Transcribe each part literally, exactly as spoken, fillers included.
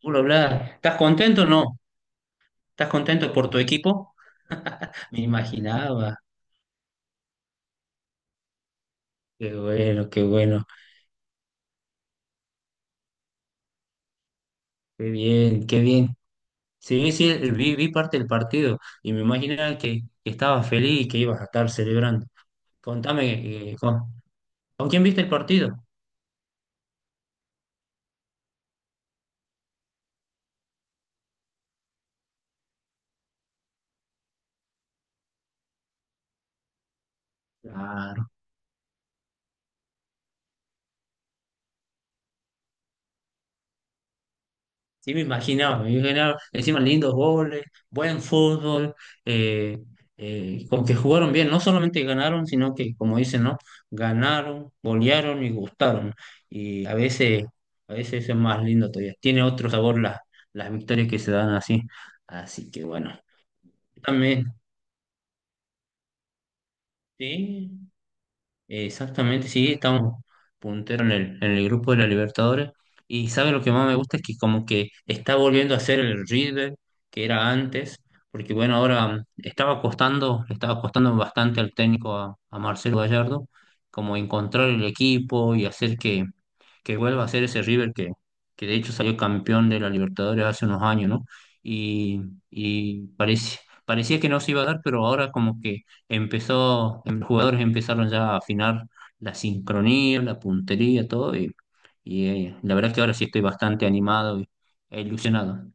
Puro hablar. ¿Estás contento o no? ¿Estás contento por tu equipo? Me imaginaba. Qué bueno, qué bueno. Qué bien, qué bien. Sí, sí, vi, vi parte del partido y me imaginaba que, que estabas feliz y que ibas a estar celebrando. Contame, eh, ¿con, ¿con quién viste el partido? Claro. Sí, me imaginaba, me imaginaba, encima lindos goles, buen fútbol, eh, eh, como que jugaron bien, no solamente ganaron, sino que, como dicen, ¿no? Ganaron, golearon y gustaron. Y a veces, a veces eso es más lindo todavía. Tiene otro sabor las las victorias que se dan así. Así que bueno, también, sí. Exactamente, sí, estamos puntero en el, en el grupo de la Libertadores. Y sabe lo que más me gusta es que como que está volviendo a ser el River que era antes, porque bueno, ahora mm, estaba costando, le estaba costando bastante al técnico a, a Marcelo Gallardo, como encontrar el equipo y hacer que, que vuelva a ser ese River que, que de hecho salió campeón de la Libertadores hace unos años, ¿no? Y, y parece, parecía que no se iba a dar, pero ahora como que empezó, em, los jugadores empezaron ya a afinar la sincronía, la puntería, todo, y, y, eh, la verdad que ahora sí estoy bastante animado y, e ilusionado.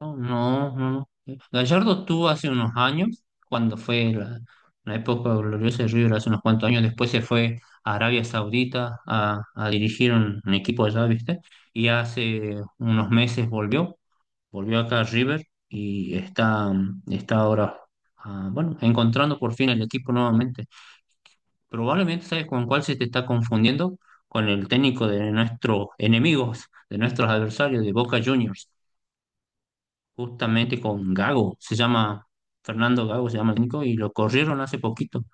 No, no, no. No. Gallardo tuvo hace unos años, cuando fue la, la época gloriosa de River, hace unos cuantos años, después se fue a Arabia Saudita a, a dirigir un, un equipo allá, ¿viste? Y hace unos meses volvió volvió acá a River y está, está ahora, ah, bueno, encontrando por fin el equipo nuevamente. Probablemente, ¿sabes con cuál se te está confundiendo? Con el técnico de nuestros enemigos, de nuestros adversarios, de Boca Juniors, justamente con Gago, se llama Fernando Gago, se llama el técnico, y lo corrieron hace poquito.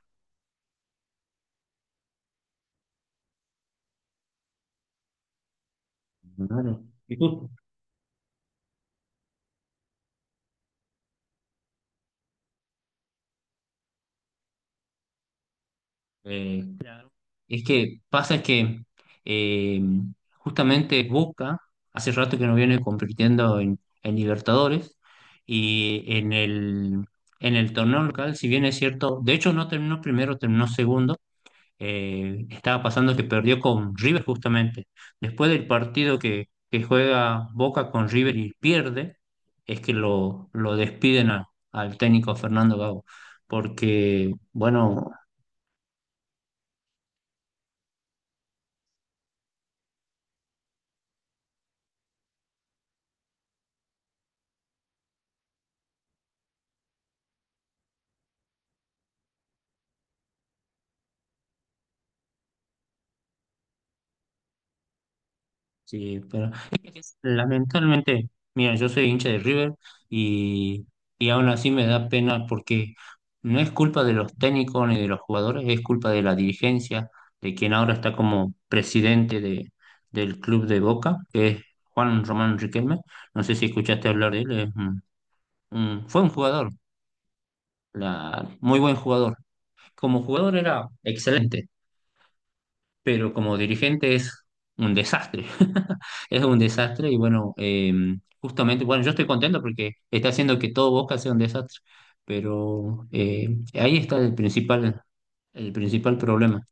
Claro. ¿Y tú? Eh, Claro. Es que pasa que eh, justamente Boca hace rato que no viene compitiendo en, en Libertadores y en el, en el torneo local, si bien es cierto, de hecho no terminó primero, terminó segundo, eh, estaba pasando que perdió con River justamente. Después del partido que, que juega Boca con River y pierde, es que lo, lo despiden a- al técnico Fernando Gago, porque, bueno. Sí, pero es que lamentablemente, mira, yo soy hincha de River y, y aún así me da pena porque no es culpa de los técnicos ni de los jugadores, es culpa de la dirigencia, de quien ahora está como presidente de, del club de Boca, que es Juan Román Riquelme. No sé si escuchaste hablar de él, es un- un- fue un jugador, la- muy buen jugador. Como jugador era excelente, pero como dirigente es un desastre. Es un desastre y bueno, eh, justamente, bueno, yo estoy contento porque está haciendo que todo Boca sea un desastre, pero eh, ahí está el principal, el principal problema.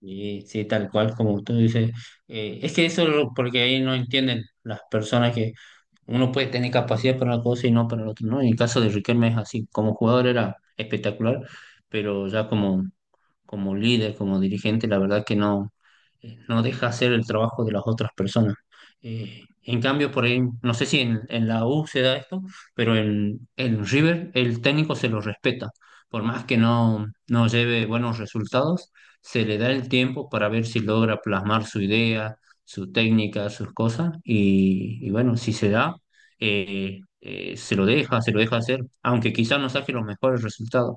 Y sí, tal cual como tú dices, eh, es que eso es lo- porque ahí no entienden las personas que uno puede tener capacidad para una cosa y no para la otra, ¿no? En el caso de Riquelme es así, como jugador era espectacular, pero ya como, como líder, como dirigente, la verdad que no, eh, no deja hacer el trabajo de las otras personas. Eh, en cambio, por ahí, no sé si en, en la U se da esto, pero en, en River el técnico se lo respeta. Por más que no, no lleve buenos resultados, se le da el tiempo para ver si logra plasmar su idea, su técnica, sus cosas, y, y bueno, si se da, eh, eh, se lo deja, se lo deja hacer, aunque quizás no saque los mejores resultados.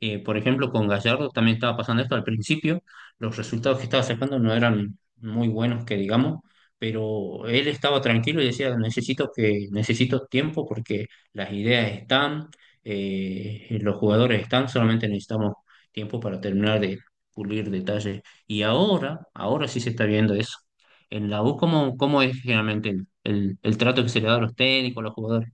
Eh, por ejemplo, con Gallardo también estaba pasando esto al principio, los resultados que estaba sacando no eran muy buenos, que digamos, pero él estaba tranquilo y decía, necesito que, necesito tiempo porque las ideas están, eh, los jugadores están, solamente necesitamos tiempo para terminar de pulir detalles. Y ahora, ahora sí se está viendo eso en la U. ¿Cómo, cómo es generalmente el, el- el trato que se le da a los técnicos, a los jugadores?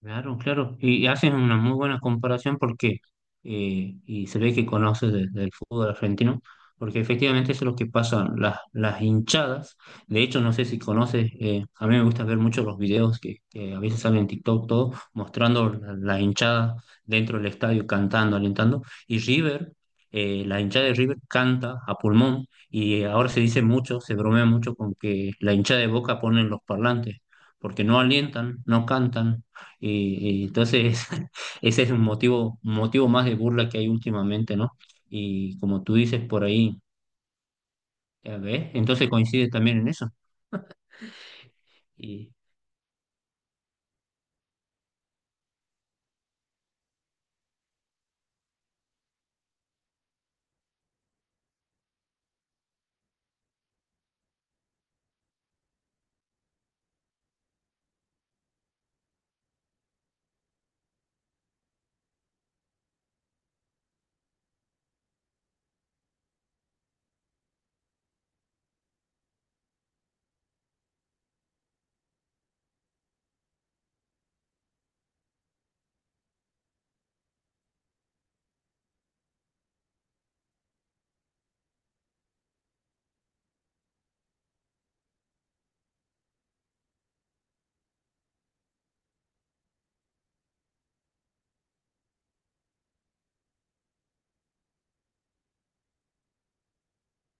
Claro, claro. Y, y haces una muy buena comparación porque, eh, y se ve que conoces de- del fútbol argentino, porque efectivamente eso es lo que pasa, las, las hinchadas. De hecho, no sé si conoces, eh, a mí me gusta ver mucho los videos que, que a veces salen en TikTok, todo, mostrando la, la hinchada dentro del estadio, cantando, alentando. Y River, eh, la hinchada de River canta a pulmón y ahora se dice mucho, se bromea mucho con que la hinchada de Boca pone en los parlantes porque no alientan, no cantan, y, y entonces ese es un motivo, un motivo más de burla que hay últimamente, ¿no? Y como tú dices por ahí, ya, ¿ves? Entonces coincide también en eso. Y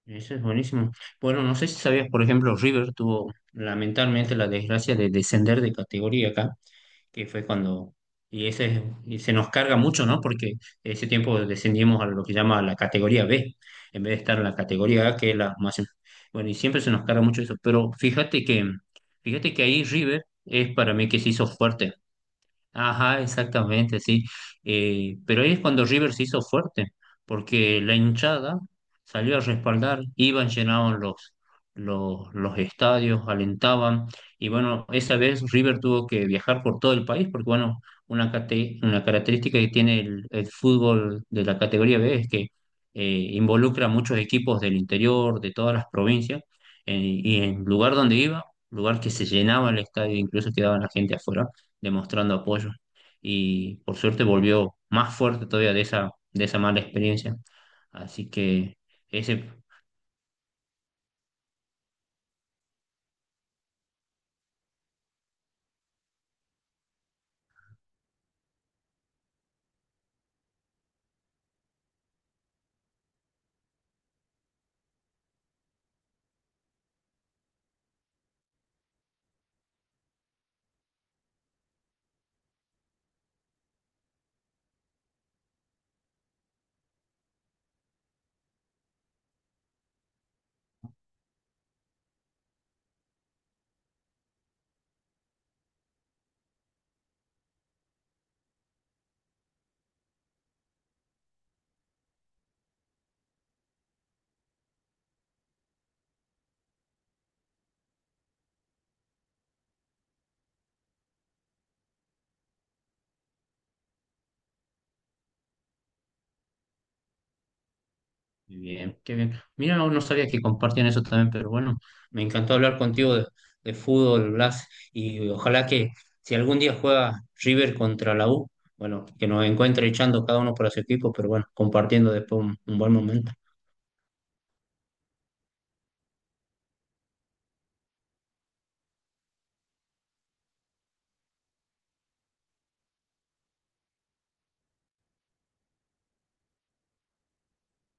eso es buenísimo. Bueno, no sé si sabías, por ejemplo, River tuvo lamentablemente la desgracia de descender de categoría acá que fue cuando... Y, ese, y se nos carga mucho, ¿no? Porque ese tiempo descendimos a lo que llama la categoría B, en vez de estar en la categoría A, que es la más... em, Bueno, y siempre se nos carga mucho eso, pero fíjate que, fíjate que ahí River es para mí que se hizo fuerte. Ajá, exactamente, sí. Eh, pero ahí es cuando River se hizo fuerte, porque la hinchada salió a respaldar, iban, llenaban los, los, los estadios, alentaban, y bueno, esa vez River tuvo que viajar por todo el país, porque bueno, una, cate- una característica que tiene el, el fútbol de la categoría B es que eh, involucra a muchos equipos del interior, de todas las provincias, eh, y en lugar donde iba, lugar que se llenaba el estadio, incluso quedaba la gente afuera demostrando apoyo. Y por suerte volvió más fuerte todavía de esa, de esa mala experiencia. Así que ese, bien, qué bien. Mira, no, no sabía que compartían eso también, pero bueno, me encantó hablar contigo de, de fútbol, Blas, y ojalá que si algún día juega River contra la U, bueno, que nos encuentre echando cada uno por su equipo, pero bueno, compartiendo después un un buen momento.